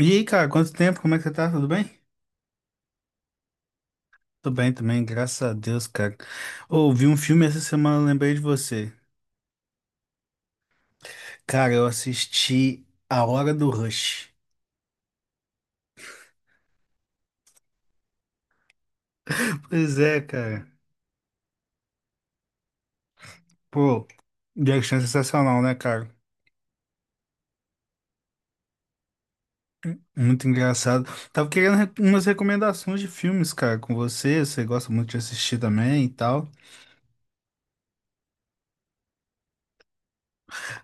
E aí, cara, quanto tempo? Como é que você tá? Tudo bem? Tô bem também, graças a Deus, cara. Ouvi um filme essa semana, lembrei de você. Cara, eu assisti A Hora do Rush. Pois é, cara. Pô, Jackson é sensacional, né, cara? Muito engraçado. Tava querendo umas recomendações de filmes, cara, com você. Você gosta muito de assistir também e tal.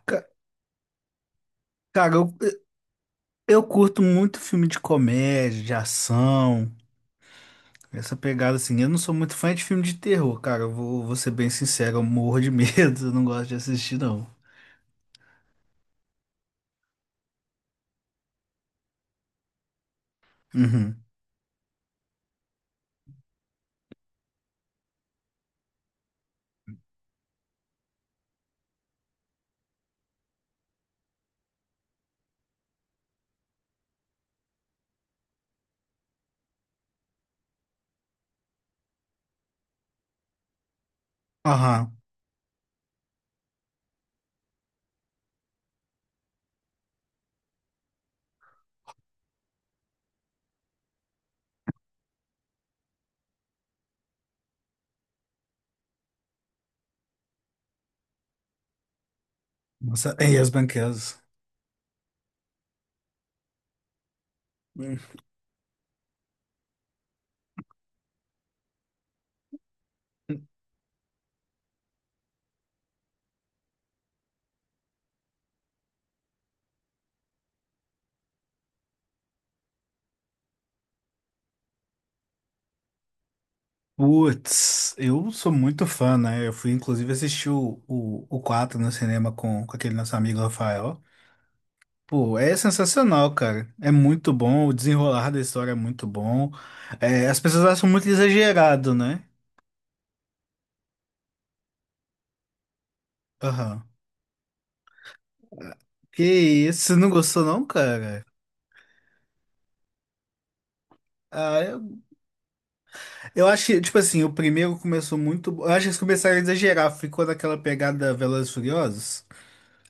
Ca- Cara, eu curto muito filme de comédia, de ação. Essa pegada assim, eu não sou muito fã de filme de terror, cara. Eu vou ser bem sincero, eu morro de medo, eu não gosto de assistir, não. Uhum. Aham. Nossa, e as banqueras? Hum. Putz, eu sou muito fã, né? Eu fui inclusive assistir o 4 no cinema com aquele nosso amigo Rafael. Pô, é sensacional, cara. É muito bom, o desenrolar da história é muito bom. É, as pessoas acham muito exagerado, né? Aham. Que isso, você não gostou não, cara? Ah, eu acho que, tipo assim, o primeiro começou muito. Eu acho que eles começaram a exagerar. Ficou naquela pegada Velozes e Furiosos.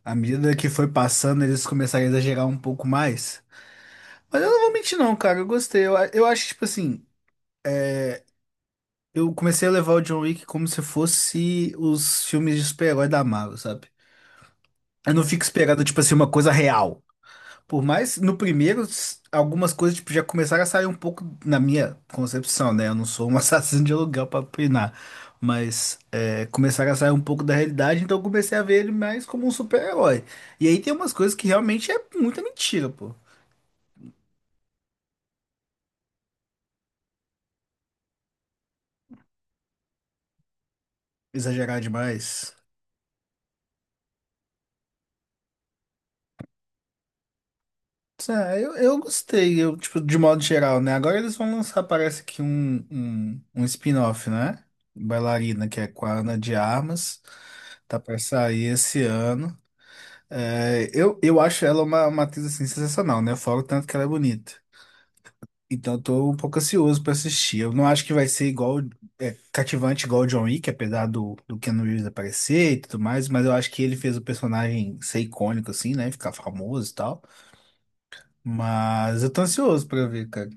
À medida que foi passando, eles começaram a exagerar um pouco mais. Mas eu não vou mentir, não, cara. Eu gostei. Eu acho, tipo assim, eu comecei a levar o John Wick como se fosse os filmes de super-herói da Marvel, sabe? Eu não fico esperando, tipo assim, uma coisa real. Por mais no primeiro, algumas coisas tipo, já começaram a sair um pouco na minha concepção, né? Eu não sou um assassino de aluguel para opinar, mas é, começaram a sair um pouco da realidade, então eu comecei a ver ele mais como um super-herói. E aí tem umas coisas que realmente é muita mentira, pô. Exagerar demais. Ah, eu gostei, eu, tipo, de modo geral, né? Agora eles vão lançar, parece que um spin-off, né? Bailarina, que é com a Ana de Armas. Tá pra sair esse ano. É, eu acho ela uma atriz assim, sensacional, né? Fora o tanto que ela é bonita. Então eu tô um pouco ansioso pra assistir. Eu não acho que vai ser igual, cativante igual o John Wick, apesar do Keanu Reeves aparecer e tudo mais, mas eu acho que ele fez o personagem ser icônico, assim, né? Ficar famoso e tal. Mas eu tô ansioso pra ver, cara.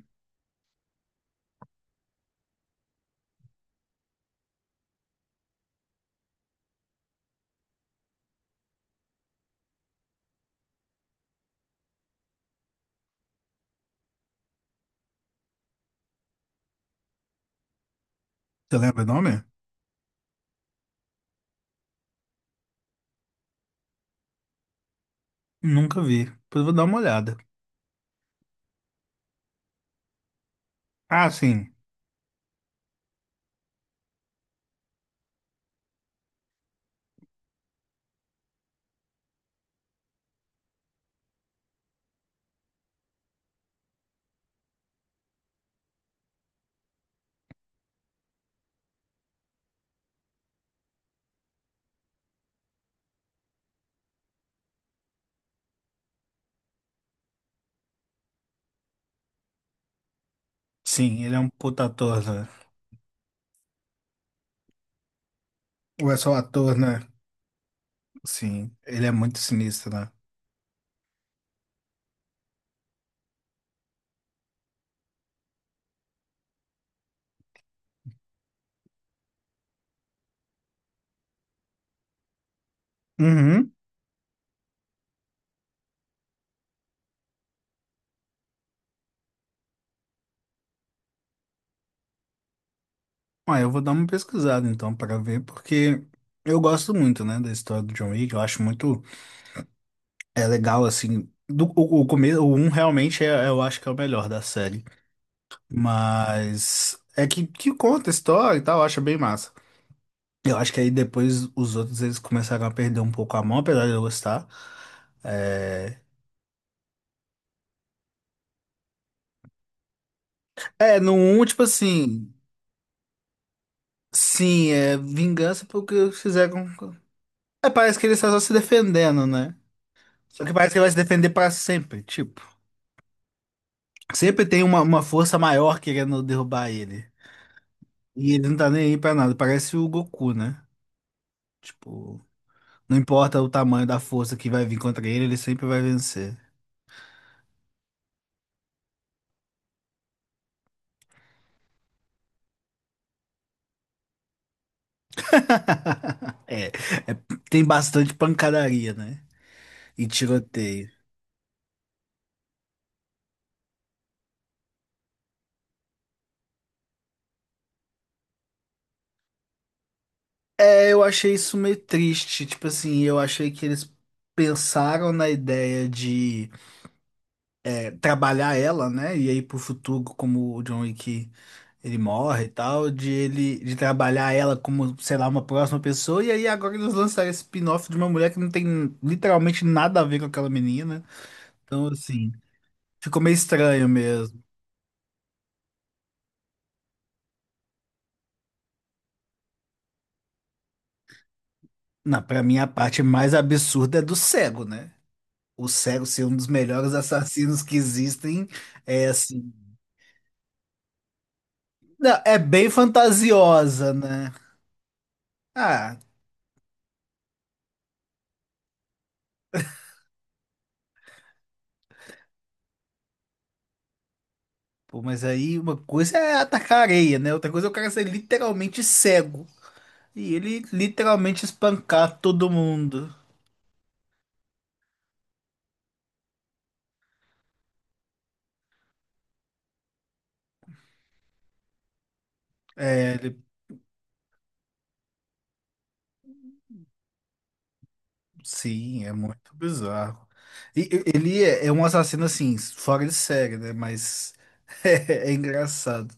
Você lembra o nome? Nunca vi. Depois eu vou dar uma olhada. Ah, sim. Sim, ele é um puta ator, né? Ou é só ator, né? Sim, ele é muito sinistro, né? Uhum. Ah, eu vou dar uma pesquisada então para ver, porque eu gosto muito, né, da história do John Wick. Eu acho muito é legal assim. O começo, o um realmente é, eu acho que é o melhor da série, mas é que conta a história e tal, eu acho bem massa. Eu acho que aí depois os outros eles começaram a perder um pouco a mão, apesar de eu gostar. É, é no um tipo assim, sim, é vingança porque fizeram. É, parece que ele está só se defendendo, né? Só que parece que ele vai se defender para sempre, tipo. Sempre tem uma força maior querendo derrubar ele. E ele não tá nem aí pra nada. Parece o Goku, né? Tipo, não importa o tamanho da força que vai vir contra ele, ele sempre vai vencer. É, é- tem bastante pancadaria, né? E tiroteio. É, eu achei isso meio triste. Tipo assim, eu achei que eles pensaram na ideia de trabalhar ela, né? E aí pro futuro, como o John Wick. Ele morre e tal, de ele de trabalhar ela como, sei lá, uma próxima pessoa, e aí agora eles lançaram esse spin-off de uma mulher que não tem literalmente nada a ver com aquela menina. Então, assim, ficou meio estranho mesmo. Na pra mim a parte mais absurda é do cego, né? O cego ser um dos melhores assassinos que existem é assim. Não, é bem fantasiosa, né? Ah, pô, mas aí uma coisa é atacar a areia, né? Outra coisa é o cara ser literalmente cego. E ele literalmente espancar todo mundo. É, ele- sim, é muito bizarro. Ele é, é um assassino assim, fora de série, né? Mas é engraçado.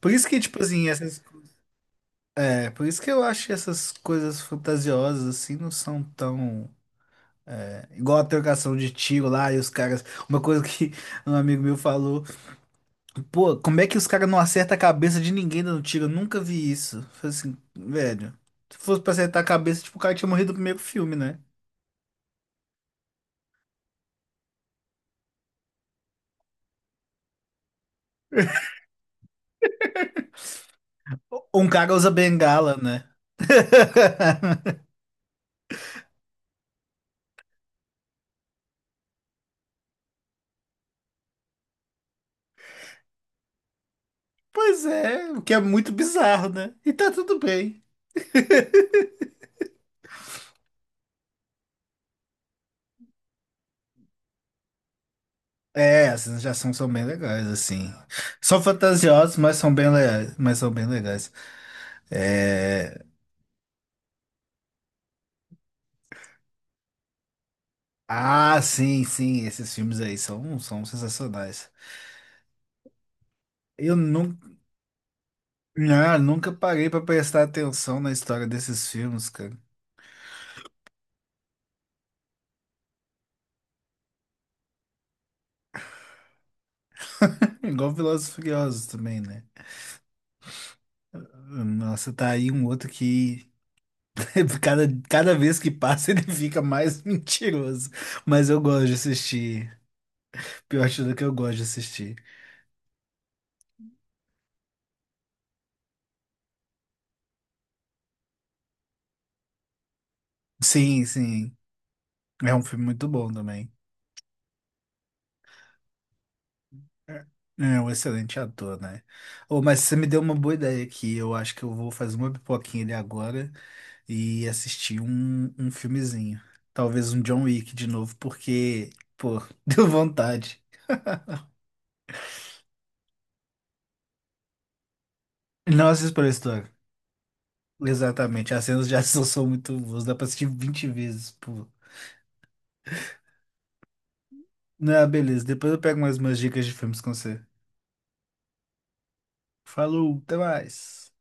Por isso que, tipo assim, essas, por isso que eu acho que essas coisas fantasiosas assim não são tão. Igual a trocação de tiro lá e os caras. Uma coisa que um amigo meu falou. Pô, como é que os caras não acertam a cabeça de ninguém dando tiro? Eu nunca vi isso. Falei assim, velho. Se fosse pra acertar a cabeça, tipo, o cara tinha morrido no primeiro filme, né? Ou Um cara usa bengala, né? Pois é, o que é muito bizarro, né? E tá tudo bem. É, essas já são bem legais, assim. São fantasiosas, mas são bem legais. Mas são bem legais. É. Ah, sim, sim, esses filmes aí são sensacionais. Eu não, Ah, nunca parei pra prestar atenção na história desses filmes, cara. Igual Velozes e Furiosos também, né? Nossa, tá aí um outro que cada vez que passa ele fica mais mentiroso. Mas eu gosto de assistir. Pior de tudo que eu gosto de assistir. Sim, sim. É um filme muito bom também. É é um excelente ator, né? Oh, mas você me deu uma boa ideia aqui. Eu acho que eu vou fazer uma pipoquinha ali agora. E assistir um filmezinho. Talvez um John Wick de novo, porque, pô, deu vontade. Não assisto pela história. Exatamente, as cenas de ação são muito boas, dá pra assistir 20 vezes, pô. Não, beleza, depois eu pego mais umas dicas de filmes com você. Falou, até mais.